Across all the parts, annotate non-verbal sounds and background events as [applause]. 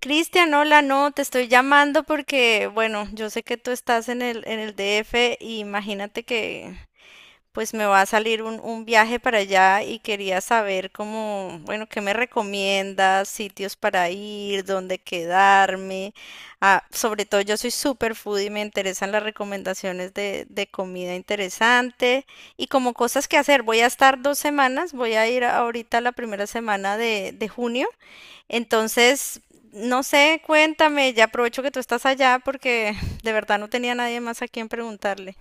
Cristian, hola, no, te estoy llamando porque, bueno, yo sé que tú estás en el DF y imagínate que pues me va a salir un viaje para allá y quería saber cómo, bueno, qué me recomiendas, sitios para ir, dónde quedarme. Ah, sobre todo yo soy super foodie y me interesan las recomendaciones de comida interesante y como cosas que hacer. Voy a estar 2 semanas, voy a ir ahorita la primera semana de junio. Entonces, no sé, cuéntame, ya aprovecho que tú estás allá porque [laughs] de verdad no tenía nadie más a quien preguntarle.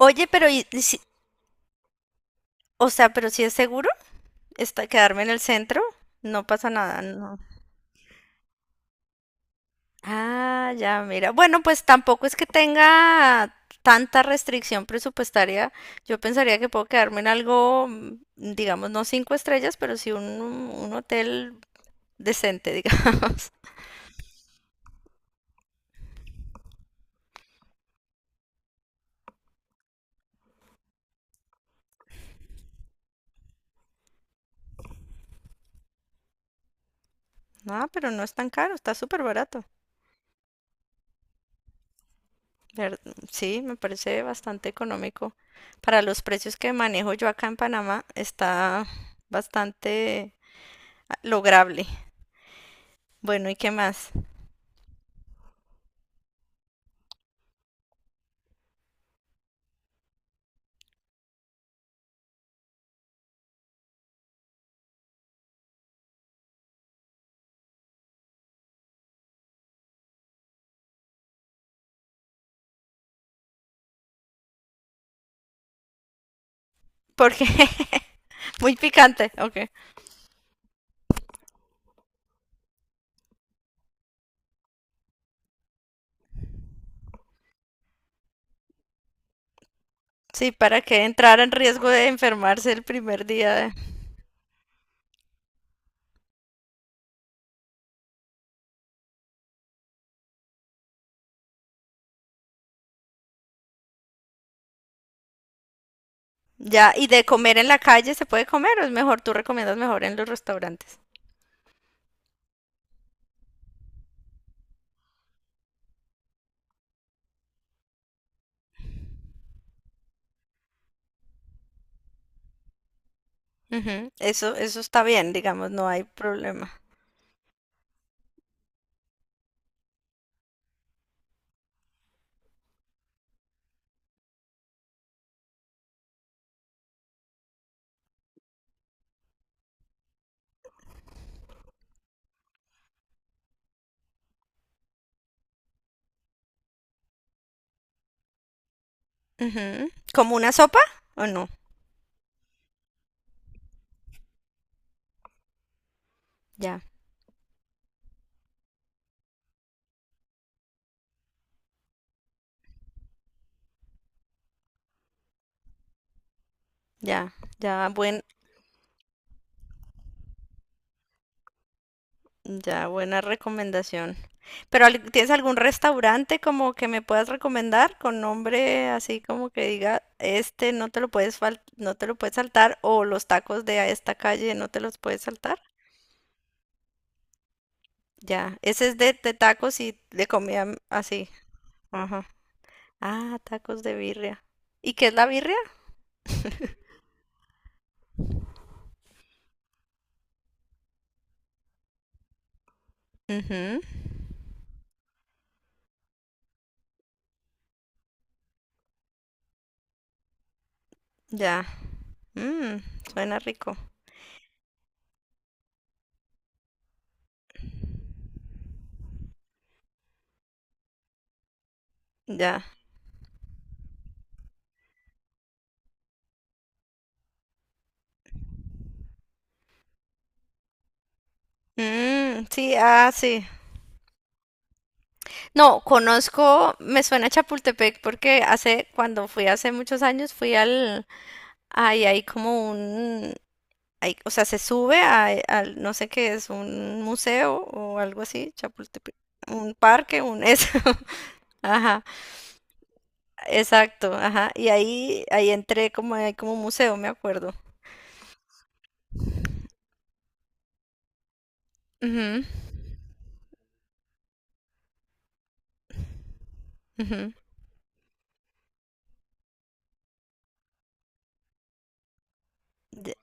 Oye, o sea, pero si es seguro está quedarme en el centro, no pasa nada, no. Ah, ya, mira. Bueno, pues tampoco es que tenga tanta restricción presupuestaria. Yo pensaría que puedo quedarme en algo, digamos, no cinco estrellas, pero sí un hotel decente, [laughs] digamos. No, pero no es tan caro, está súper barato. Ver- Sí, me parece bastante económico. Para los precios que manejo yo acá en Panamá, está bastante lograble. Bueno, ¿y qué más? Porque [laughs] muy picante, ok. Sí, para que entrar en riesgo de enfermarse el primer día. Ya, y de comer en la calle, ¿se puede comer o es mejor? ¿Tú recomiendas mejor en los restaurantes? Ujú. Eso está bien, digamos, no hay problema. Ujú. ¿Como una sopa o no? Ya, ya, ya. Ya, buena recomendación. Pero ¿tienes algún restaurante como que me puedas recomendar con nombre así como que diga, este no te lo puedes no te lo puedes saltar o los tacos de a esta calle no te los puedes saltar? Ya, ese es de tacos y de comida así. Ajá. Ah, tacos de birria. ¿Y qué es la birria? Ujú. Ya. Mm, Suena rico. Ya. Mm, sí, ah, sí. No, conozco, me suena Chapultepec porque hace, cuando fui hace muchos años, fui al, ahí hay como un, o sea, se sube al, no sé qué es, un museo o algo así, Chapultepec, un parque, un, eso, [laughs] ajá, exacto, ajá, y ahí entré como, hay como un museo, me acuerdo. Ujú, ujú. De-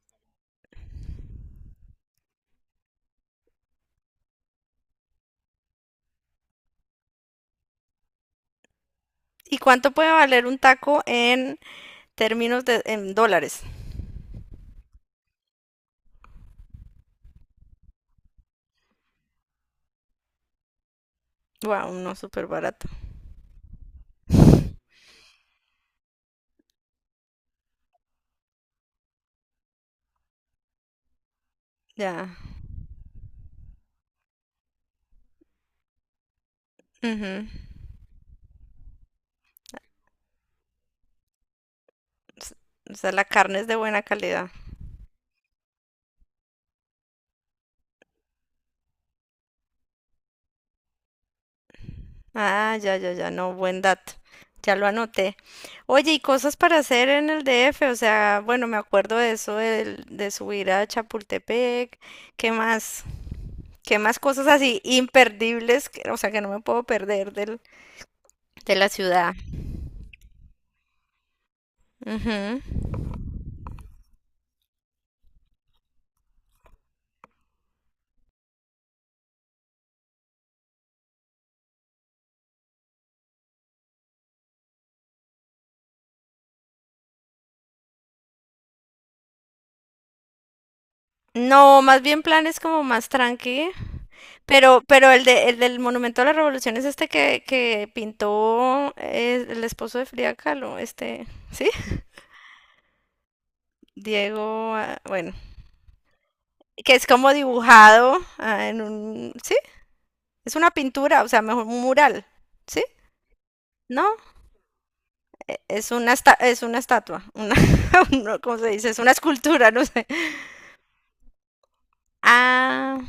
¿Y cuánto puede valer un taco en términos en dólares? Wow, no, súper barato. [laughs] Ya. Ujú. s- O sea, la carne es de buena calidad. Ah, ya, ya, ya, no, buen dato. Ya lo anoté. Oye, y cosas para hacer en el D F, o sea, bueno, me acuerdo de eso de, subir a Chapultepec. ¿Qué más? ¿Qué más cosas así imperdibles, o sea, que no me puedo perder de la ciudad? Ujú. No, más bien planes como más tranqui. Pero el del Monumento a la Revolución es este que pintó el esposo de Frida Kahlo, este, ¿sí? Diego, ah, bueno, que es como dibujado en un, sí, es una pintura, o sea, mejor un mural, ¿sí? No, es una estatua, una, [laughs] no, ¿cómo se dice? Es una escultura, no sé. Ah,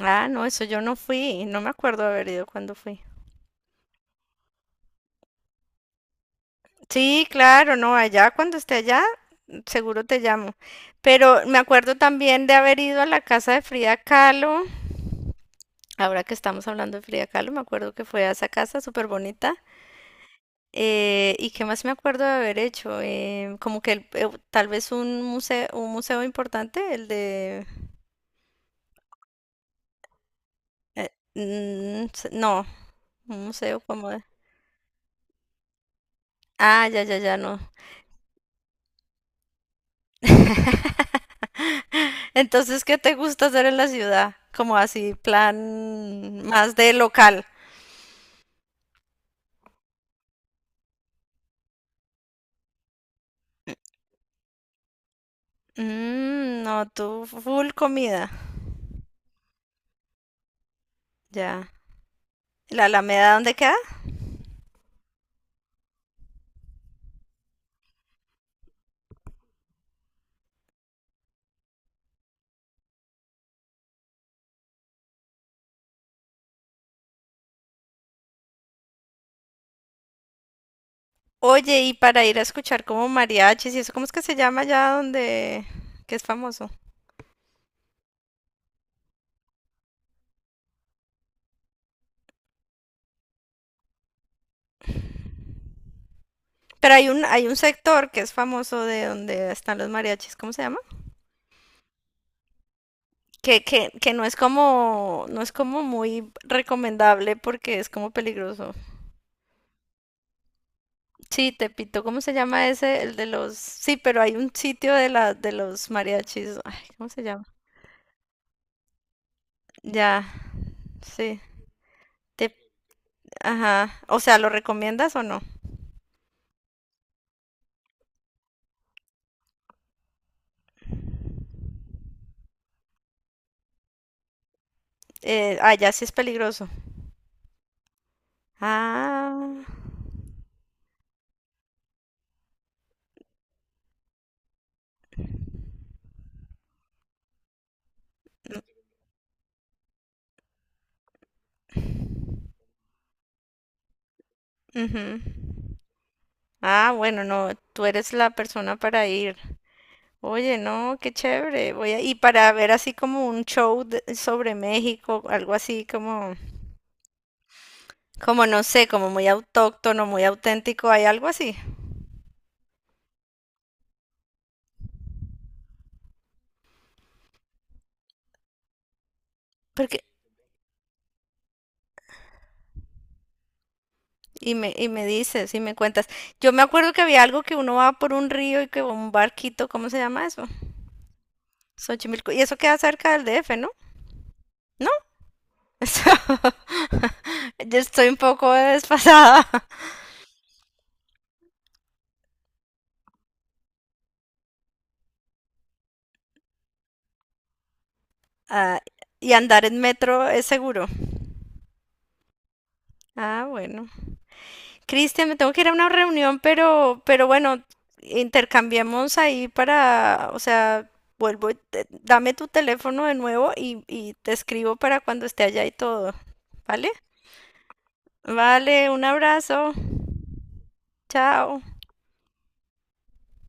ah, no, eso yo no fui, no me acuerdo haber ido cuando fui. Sí, claro, no, allá cuando esté allá, seguro te llamo. Pero me acuerdo también de haber ido a la casa de Frida Kahlo. Ahora que estamos hablando de Frida Kahlo, me acuerdo que fue a esa casa súper bonita. ¿Y qué más me acuerdo de haber hecho? Como que tal vez un museo importante, el de. eh, no, un museo como de. Ah, ya, ya, ya, no. [laughs] Entonces, ¿qué te gusta hacer en la ciudad? Como así, plan más de local. Mm, no, tú full comida. Ya. ¿La Alameda dónde queda? Oye, y para ir a escuchar como mariachis y eso, ¿cómo es que se llama allá donde que es famoso? Pero hay un sector que es famoso de donde están los mariachis, ¿cómo se llama? Que no es como muy recomendable porque es como peligroso. Sí, Tepito, ¿cómo se llama ese? El de los, sí, pero hay un sitio de los mariachis. Ay, ¿cómo se llama? Ya, sí. Tep- Ajá. O sea, ¿lo recomiendas o no? Ah, ya sí es peligroso. Ah. Ujú. Ah, bueno, no, tú eres la persona para ir. Oye, no, qué chévere. Y para ver así como un show sobre México, algo así como no sé, como muy autóctono, muy auténtico, hay algo así. Porque, y me dices, y me cuentas. Yo me acuerdo que había algo que uno va por un río y que va un barquito, ¿cómo se llama eso? Xochimilco. Y eso queda cerca del DF, ¿no? ¿No? [laughs] Eso- Yo estoy un poco desfasada. [laughs] Ah, y andar en metro es seguro. Ah, bueno. Cristian, me tengo que ir a una reunión, pero, bueno, intercambiamos ahí para, o sea, vuelvo, dame tu teléfono de nuevo y te escribo para cuando esté allá y todo, ¿vale? Vale, un abrazo, chao.